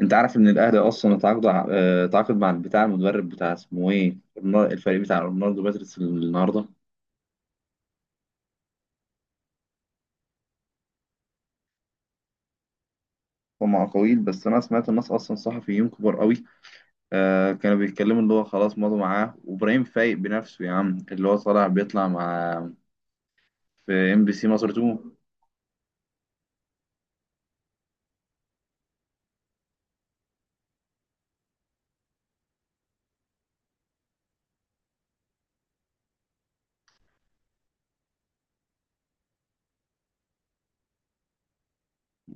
انت عارف ان الاهلي اصلا اتعاقد مع بتاع المدرب بتاع اسمه ايه، الفريق بتاع رونالدو باتريس النهارده. هم اقاويل، بس انا سمعت الناس اصلا صحفيين كبار قوي. كانوا بيتكلموا اللي هو خلاص مضوا معاه، وابراهيم فايق بنفسه يا عم اللي هو بيطلع مع في ام بي سي مصر 2.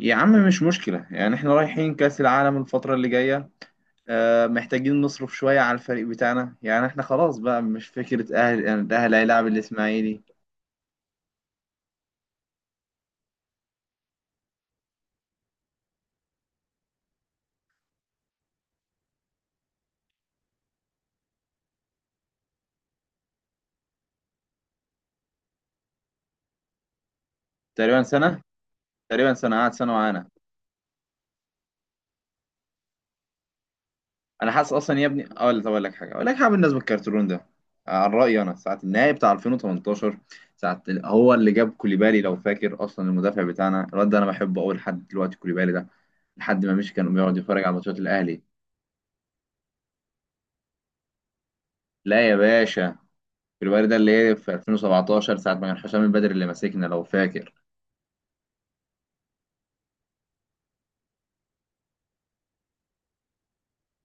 يا عم مش مشكله، يعني احنا رايحين كاس العالم الفتره اللي جايه، محتاجين نصرف شويه على الفريق بتاعنا. يعني احنا خلاص بقى مش فكره، يعني الاهلي هيلاعب الاسماعيلي. تقريبا سنه تقريبا سنه قعد سنه معانا. انا حاسس اصلا يا ابني، طب، اقول لك حاجه بالنسبه للكارترون ده. عن رايي انا ساعه النهائي بتاع 2018، هو اللي جاب كوليبالي لو فاكر اصلا. المدافع بتاعنا الواد ده انا بحبه قوي لحد دلوقتي، كوليبالي ده لحد ما مشي كان بيقعد يتفرج على ماتشات الاهلي. لا يا باشا، كوليبالي ده اللي هي في 2017 ساعه ما كان حسام البدري اللي ماسكنا لو فاكر.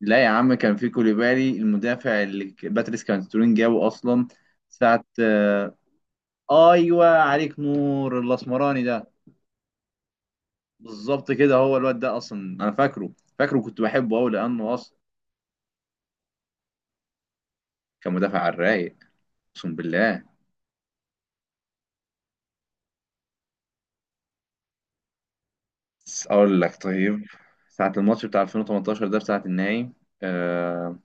لا يا عم، كان في كوليبالي المدافع اللي باتريس كارترون جابه اصلا. ساعه آه، ايوه عليك نور، الاسمراني ده، بالظبط كده هو الواد ده اصلا. انا فاكره كنت بحبه قوي لانه اصلا كان مدافع على الرايق، اقسم بالله. بس اقول لك، طيب، ساعة الماتش بتاع 2018 ده بتاعة النهائي. آه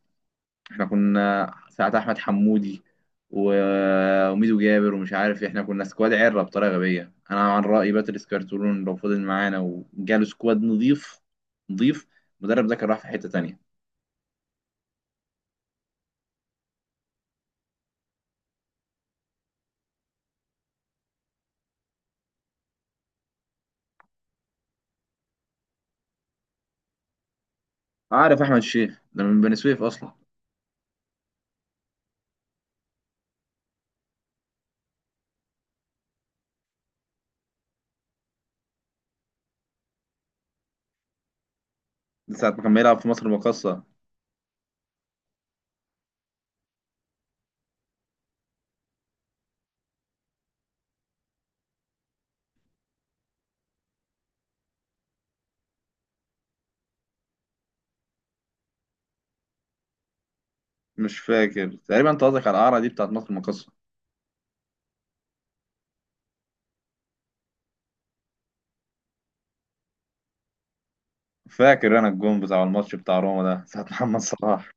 احنا كنا ساعة احمد حمودي و- وميدو جابر ومش عارف إيه، احنا كنا سكواد عرة بطريقة غبية. انا عن رأيي باتريس كارتولون لو فضل معانا وجاله سكواد نظيف، نظيف، المدرب ده كان راح في حتة تانية. عارف احمد الشيخ ده من بني سويف اصلا ساعة ما كان بيلعب في مصر المقاصة. مش فاكر، تقريبا انت قصدك على القرعه دي بتاعت مصر المقاصه. فاكر انا الجون بتاع الماتش بتاع روما ده ساعه محمد صلاح.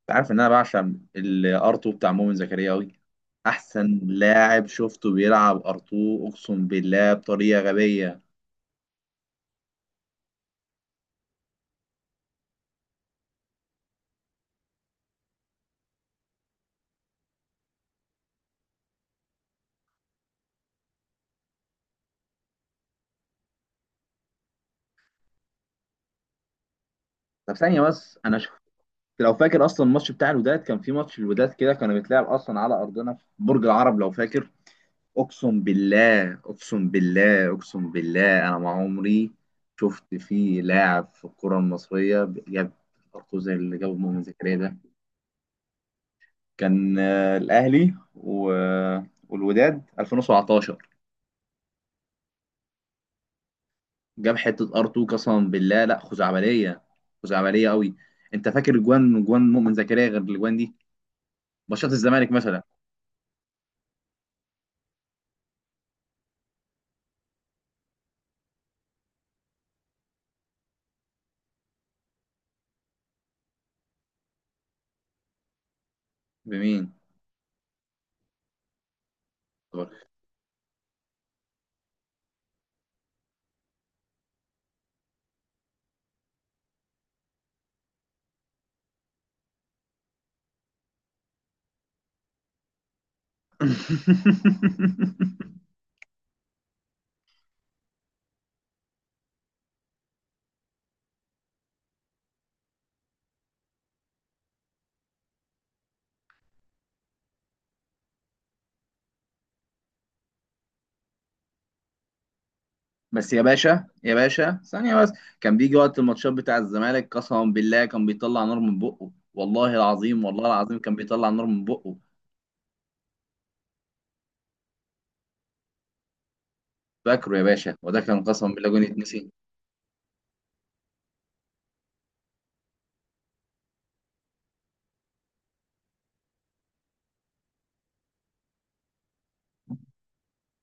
انت عارف ان انا بعشق الارتو بتاع مؤمن زكريا قوي. احسن لاعب شفته بيلعب ارتو، اقسم بالله، بطريقه غبيه. طب ثانيه بس، انا شفت، لو فاكر اصلا الماتش بتاع الوداد، كان في ماتش الوداد كده كانوا بيتلعب اصلا على ارضنا في برج العرب لو فاكر. اقسم بالله، اقسم بالله، اقسم بالله، انا ما عمري شفت فيه لاعب في الكرة المصرية جاب ارقام زي اللي جابه مؤمن زكريا ده. كان الاهلي و... والوداد 2017. جاب حتة ار2 قسما بالله، لا خزعبلية، خزعبلية قوي. انت فاكر جوان، جوان مؤمن زكريا غير الجوان دي، ماتشات الزمالك مثلا؟ بمين. بس يا باشا، يا باشا، ثانية بس. كان بيجي وقت الماتشات بتاع الزمالك، قسما بالله كان بيطلع نار من بقه، والله العظيم، والله العظيم كان بيطلع نار من بقه. فاكره يا باشا، وده كان قسما بالله جون يتنسي.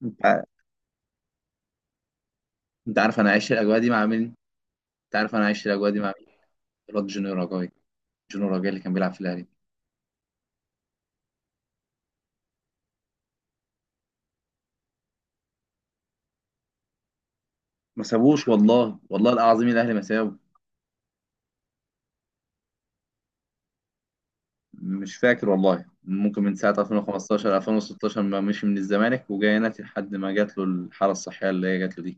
انت ع- انت عارف انا عايش الاجواء دي مع مين؟ انت عارف انا عايش الاجواء دي مع مين؟ الواد جونيور راجاي. جونيور راجاي اللي كان بيلعب في الاهلي. ما سابوش والله، والله العظيم الاهلي ما سابه. مش فاكر والله، ممكن من ساعة 2015 2016 ما مشي من الزمالك وجاي هنا لحد ما جات له الحالة الصحية اللي هي جات له دي.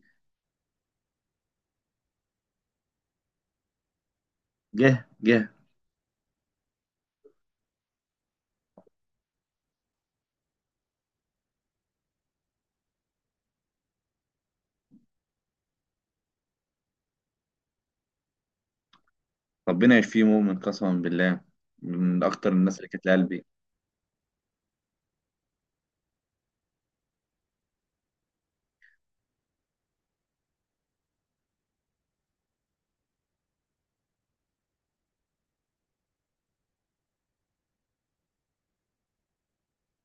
جه جه. ربنا يشفيه مؤمن، قسما بالله من اكتر الناس اللي كانت لقلبي.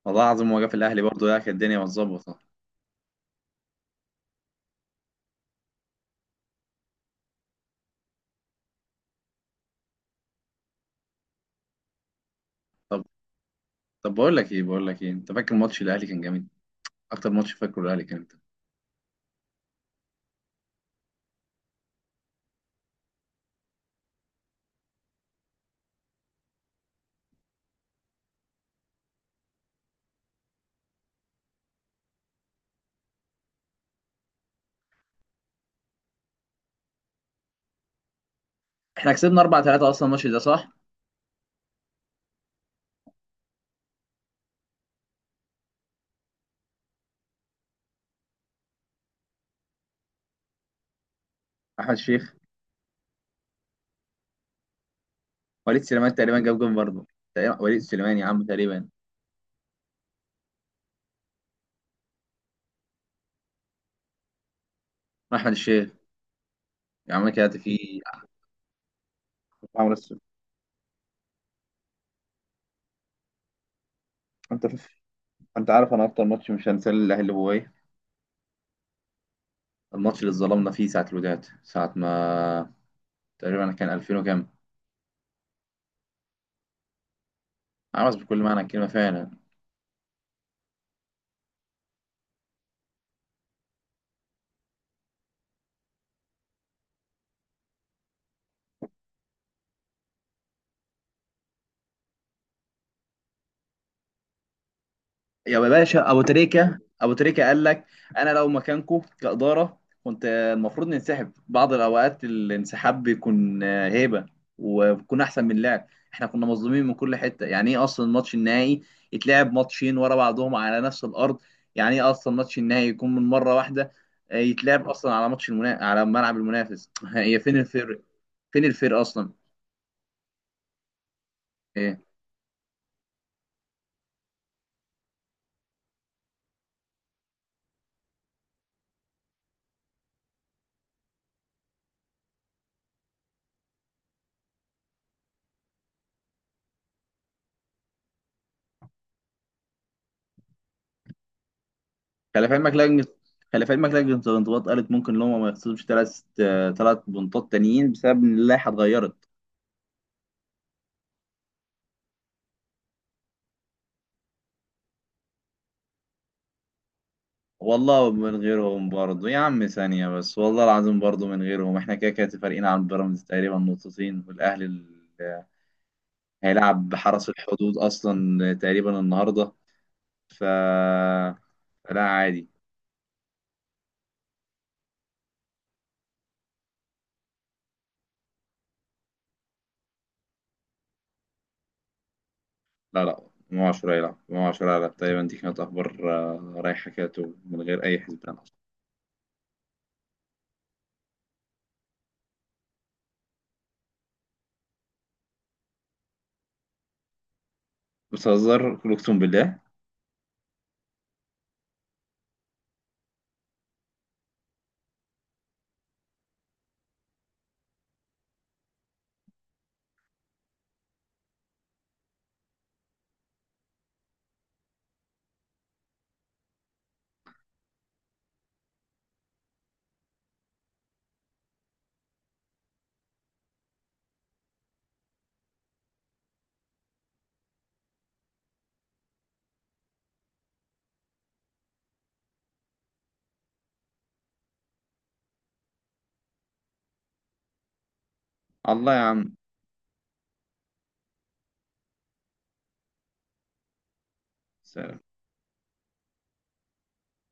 والله العظيم هو جه في الاهلي برضه لا كانت الدنيا متظبطه. طب، بقول لك ايه، انت فاكر ماتش الاهلي كان جامد؟ اكتر ماتش فاكره الاهلي كان امتى؟ احنا كسبنا 4-3 اصلا الماتش ده، صح؟ احمد الشيخ. وليد سليمان تقريبا جاب جون برضه. وليد سليمان يا عم تقريبا. احمد الشيخ. يا عم كده في عمرو السولية. انت فف. انت عارف انا اكتر ماتش مش هنساه الاهلي هو ايه؟ الماتش اللي اتظلمنا فيه ساعه الوداد، ساعه ما تقريبا كان 2000 وكام، عاوز بكل معنى الكلمه فعلا. يا باشا، ابو تريكه قال لك انا لو مكانكم كاداره كنت المفروض ننسحب. بعض الاوقات الانسحاب بيكون هيبه، وبيكون احسن من اللعب. احنا كنا مظلومين من كل حته. يعني ايه اصلا الماتش النهائي يتلعب ماتشين ورا بعضهم على نفس الارض؟ يعني ايه اصلا ماتش النهائي يكون من مره واحده، يتلعب اصلا على على ملعب المنافس؟ هي فين الفرق؟ فين الفرق اصلا؟ إيه. خلي في علمك لجنة خلي في علمك لجنة الانضباط قالت ممكن ان هم ما يخسروش ثلاث بنطات تانيين بسبب ان اللائحة اتغيرت. والله من غيرهم برضه يا عم، ثانية بس، والله العظيم برضه من غيرهم، احنا كده كده فارقين عن بيراميدز تقريبا نقطتين، والاهلي هيلعب حرس الحدود اصلا تقريبا النهارده. ف لا عادي. لا لا، ما عشرة يلعب تقريبا. دي كانت اخبار رايحة كده من غير اي حسبان اصلا. بتهزر؟ قول اقسم بالله. الله يا عم. سلام.